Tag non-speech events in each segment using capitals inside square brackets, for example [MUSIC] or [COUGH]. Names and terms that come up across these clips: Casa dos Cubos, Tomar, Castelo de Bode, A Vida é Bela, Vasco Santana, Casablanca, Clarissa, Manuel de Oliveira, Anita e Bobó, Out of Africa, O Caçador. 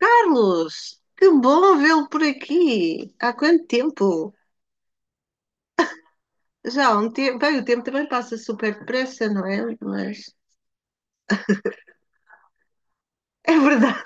Carlos, que bom vê-lo por aqui. Há quanto tempo? Já há um tempo. Bem, o tempo também passa super depressa, não é? Mas [LAUGHS] é verdade.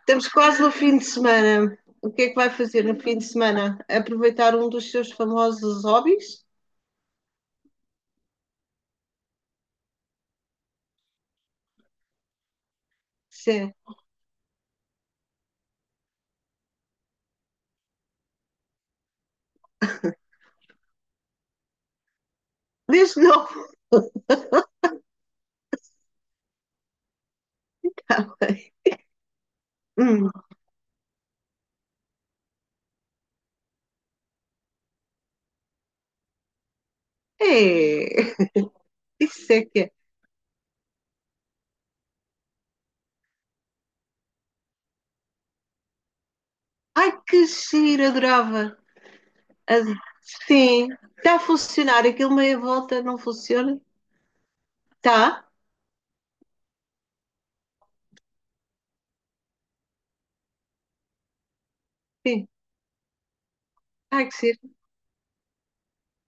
Estamos quase no fim de semana. O que é que vai fazer no fim de semana? Aproveitar um dos seus famosos hobbies? Sim. Desde novo. [LAUGHS] Ah, bem. Hum. É. Isso é que é. Ai, que giro, adorava. Ad- Sim. Está a funcionar. Aquilo meia volta não funciona? Está? Sim. Ai, que giro.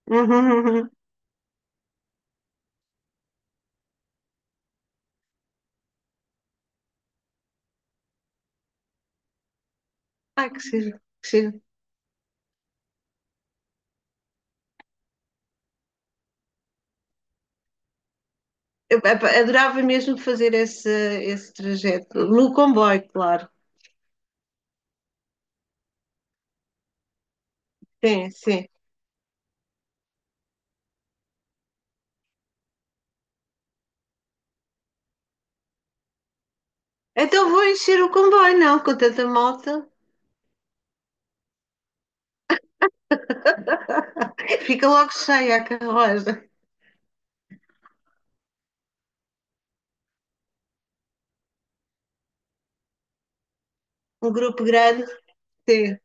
[LAUGHS] Ai, que giro, que giro. Eu, epá, adorava mesmo fazer esse trajeto. No comboio, claro. Sim, sim. Então vou encher o comboio, não, com tanta malta. [LAUGHS] Fica logo cheia a carruagem. Um grupo grande, sim.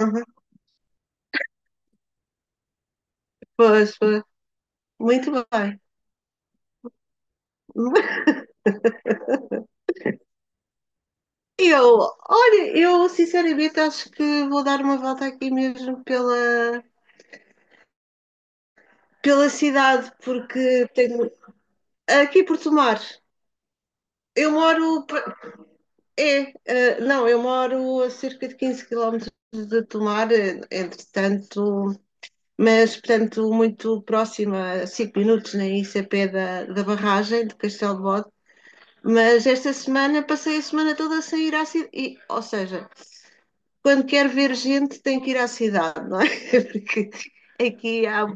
Uhum. Pois, pois. Muito bem. [LAUGHS] Eu, olha, eu sinceramente acho que vou dar uma volta aqui mesmo pela cidade, porque tenho. Aqui por Tomar. Eu moro É, eh, Não, eu moro a cerca de 15 quilómetros de Tomar, entretanto, mas, portanto, muito próxima, a 5 minutos, nem isso, a pé da barragem de Castelo de Bode. Mas esta semana passei a semana toda sem ir à cidade, ou seja, quando quer ver gente tem que ir à cidade, não é? [LAUGHS] Porque aqui há,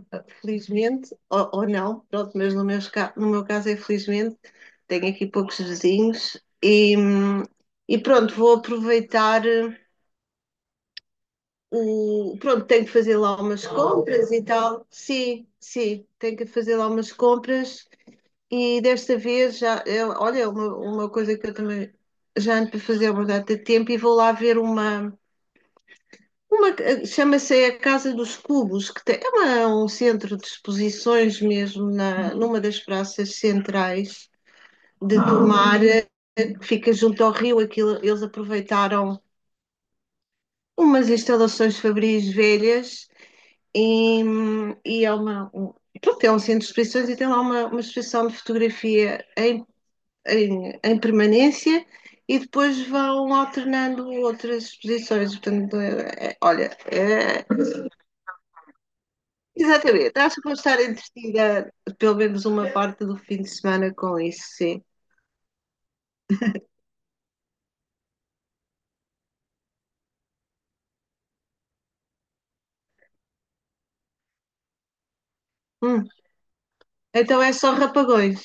felizmente, ou não, pronto, mas no meu caso é felizmente, tenho aqui poucos vizinhos e pronto, vou aproveitar eh, o. Pronto, tenho que fazer lá umas compras e tal. Sim, sim, tenho que fazer lá umas compras e desta vez já. Eu, olha, é uma coisa que eu também já ando para fazer há uma data de tempo e vou lá ver uma. Chama-se a Casa dos Cubos, que é um centro de exposições mesmo numa das praças centrais de Tomar, que fica junto ao rio. Aquilo, eles aproveitaram umas instalações fabris velhas e é uma, um, pronto, é um centro de exposições e tem lá uma exposição de fotografia em permanência. E depois vão alternando outras exposições. Portanto, olha, é. Exatamente, acho que vou estar entretida pelo menos uma parte do fim de semana com isso, sim. Hum. Então é só rapagões.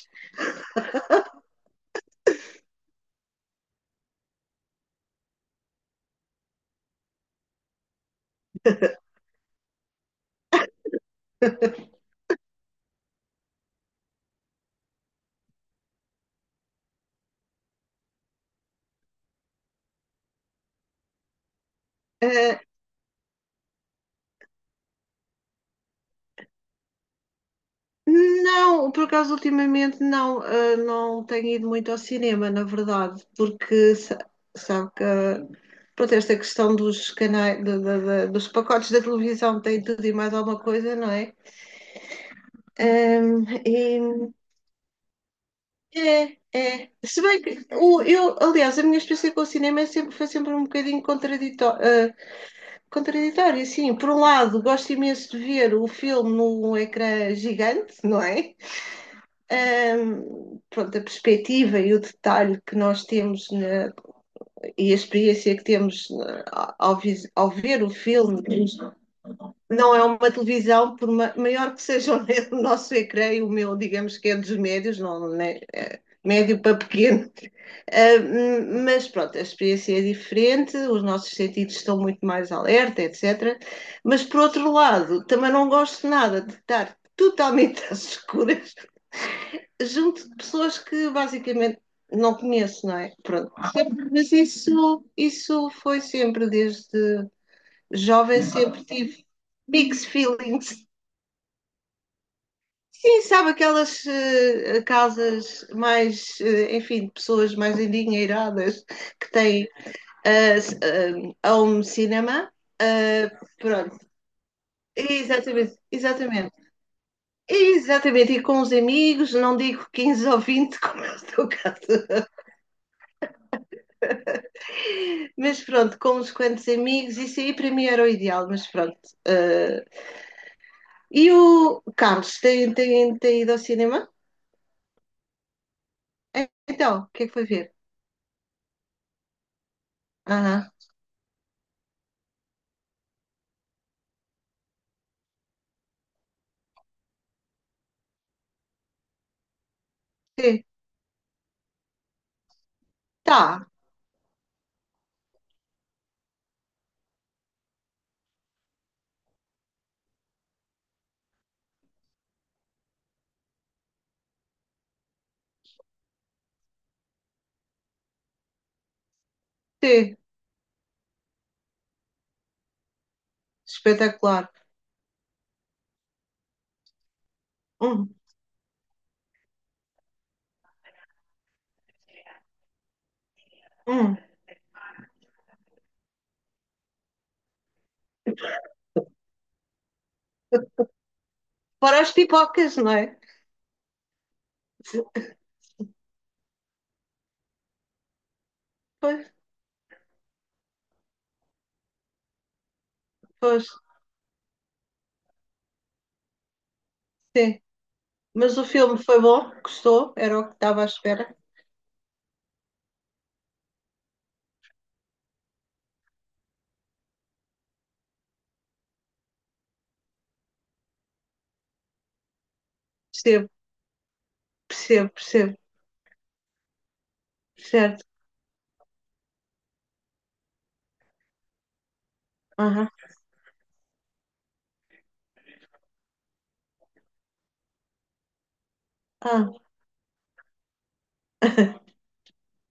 Ah, não, por acaso ultimamente não, não tenho ido muito ao cinema, na verdade, porque sabe que pronto, esta questão dos canais, dos pacotes da televisão tem tudo e mais alguma coisa, não é? Ahm, e- é, é. Se bem que eu, aliás, a minha experiência com o cinema foi sempre um bocadinho contraditória. Contraditório, sim. Por um lado, gosto imenso de ver o filme num ecrã gigante, não é? Ahm, pronto, a perspectiva e o detalhe que nós temos e a experiência que temos ao, ao ver o filme não é uma televisão, por maior que seja [LAUGHS] o nosso ecrã, e o meu, digamos que é dos médios, não, né? É médio para pequeno. Mas pronto, a experiência é diferente, os nossos sentidos estão muito mais alerta, etc. Mas por outro lado, também não gosto nada de estar totalmente [LAUGHS] às escuras junto de pessoas que basicamente não conheço, não é? Pronto. Sempre, mas isso foi sempre, desde jovem, sempre tive mixed feelings. Sim, sabe aquelas casas mais, enfim, de pessoas mais endinheiradas que têm a um cinema. Uh, Pronto, exatamente, exatamente. Exatamente, e com os amigos, não digo 15 ou 20 como é o teu caso, mas pronto, com uns quantos amigos, isso aí para mim era o ideal, mas pronto. Uh, e o Carlos, tem ido ao cinema? Então, o que é que foi ver? Aham, sim, tá, sim, espetacular. Hum, hum. Para as pipocas, não é? Pois, pois, sim. Mas o filme foi bom, gostou, era o que estava à espera. Percebo, percebo, percebo. Certo. Aham. Ah, [LAUGHS]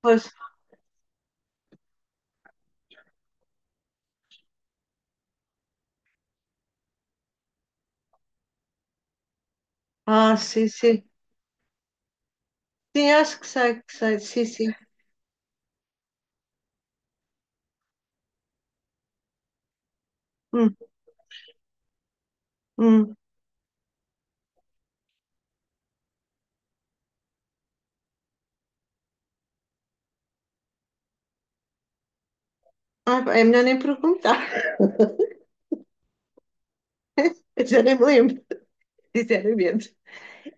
pois. Ah, sim, sim. Sim, acho que sei, que sei. Sim, sim. Hum, hum. Ah, é melhor nem perguntar. [LAUGHS] Eu já nem me lembro, sinceramente.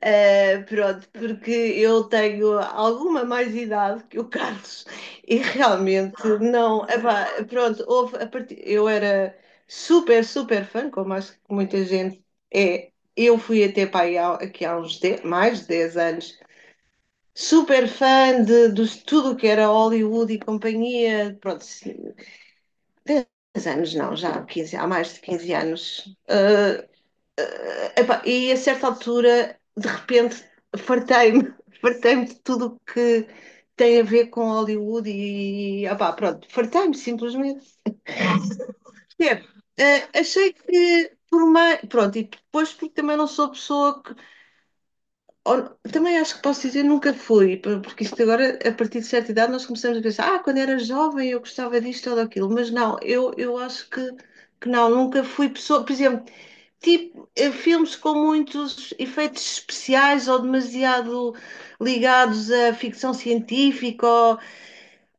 Pronto, porque eu tenho alguma mais idade que o Carlos [LAUGHS] e realmente não. Epá, pronto, eu era super, super fã, como acho que muita gente é. Eu fui até para aí há, aqui há mais de 10 anos, super fã de tudo o que era Hollywood e companhia. Pronto, sim, 10 anos não, já há 15, há mais de 15 anos. Epá, e a certa altura, de repente, fartei-me, [LAUGHS] fartei-me de tudo o que tem a ver com Hollywood e, epá, pronto, fartei-me simplesmente. Percebe? Achei que por uma. Pronto, e depois porque também não sou pessoa que. Também acho que posso dizer nunca fui, porque isto agora, a partir de certa idade, nós começamos a pensar, ah, quando era jovem eu gostava disto ou daquilo, mas não, eu acho que não, nunca fui pessoa. Por exemplo, tipo, filmes com muitos efeitos especiais ou demasiado ligados à ficção científica. Ou,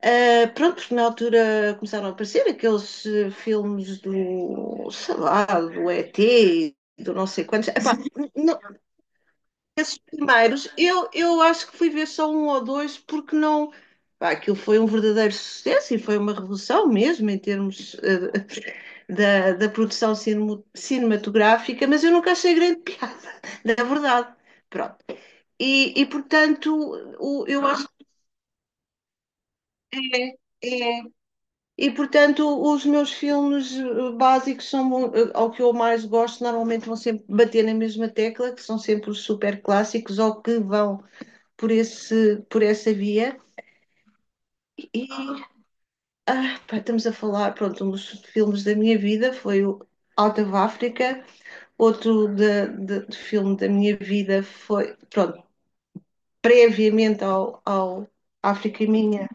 pronto, na altura começaram a aparecer aqueles filmes do, sei lá, do ET, do não sei quantos. Epá, [LAUGHS] esses primeiros, eu acho que fui ver só um ou dois, porque não. Pá, aquilo foi um verdadeiro sucesso e foi uma revolução mesmo em termos da produção cinematográfica, mas eu nunca achei grande piada, [LAUGHS] na verdade. Pronto. E portanto, eu acho que é, é. E portanto, os meus filmes básicos ao que eu mais gosto, normalmente vão sempre bater na mesma tecla, que são sempre os super clássicos ou que vão por, esse, por essa via. E pá, estamos a falar, pronto, um dos filmes da minha vida foi o Out of Africa, outro de filme da minha vida foi, pronto, previamente ao África Minha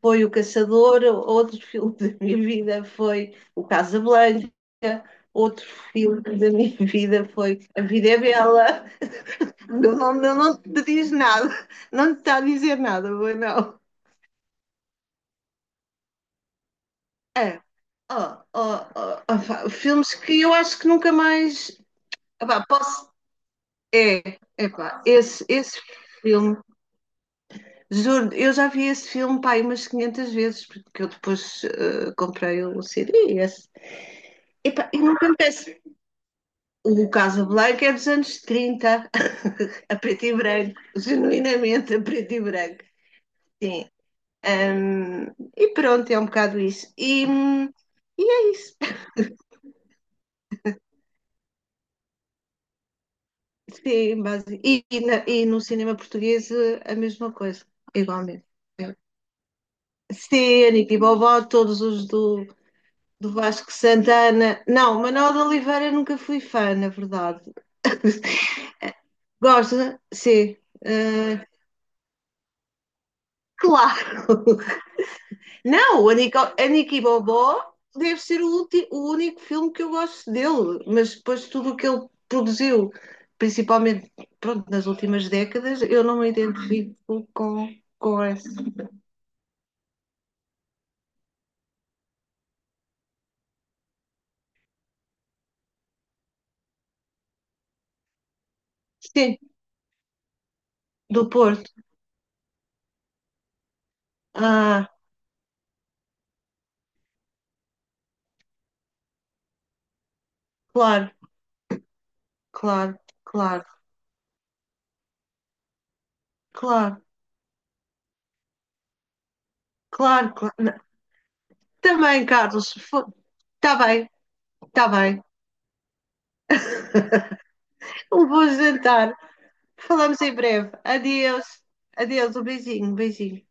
foi O Caçador, outro [LAUGHS] filme da minha vida foi O Casablanca, outro filme da minha [LAUGHS] vida foi A Vida é Bela. Não, não, não, te diz nada, não te está a dizer nada, foi não. É. Oh, oh, oh, oh, pá, filmes que eu acho que nunca mais. Epá, posso. É, é epá, esse filme, juro, eu já vi esse filme pá, aí umas 500 vezes, porque eu depois comprei o CD. E esse. Epá, e não acontece. O Casablanca é dos anos 30 [LAUGHS] a preto e branco, genuinamente a preto e branco. Sim. Ahm, e pronto, é um bocado isso. E é isso. Sim, base. E no cinema português a mesma coisa, igualmente. Sim, Anita e Bobó, todos os do Vasco Santana. Não, Manuel de Oliveira nunca fui fã, na verdade. [LAUGHS] Gosta? Sim. Eh, Claro. [LAUGHS] Não, o Anica, Anica e Bobó deve ser o, ulti, o único filme que eu gosto dele, mas depois tudo o que ele produziu, principalmente, pronto, nas últimas décadas, eu não me identifico com essa. Sim, do Porto. Ah, claro, claro, claro, claro, claro, claro. Não, também, Carlos. Está bem, está bem. [LAUGHS] Um bom jantar. Falamos em breve. Adeus. Adeus, um beijinho, um beijinho.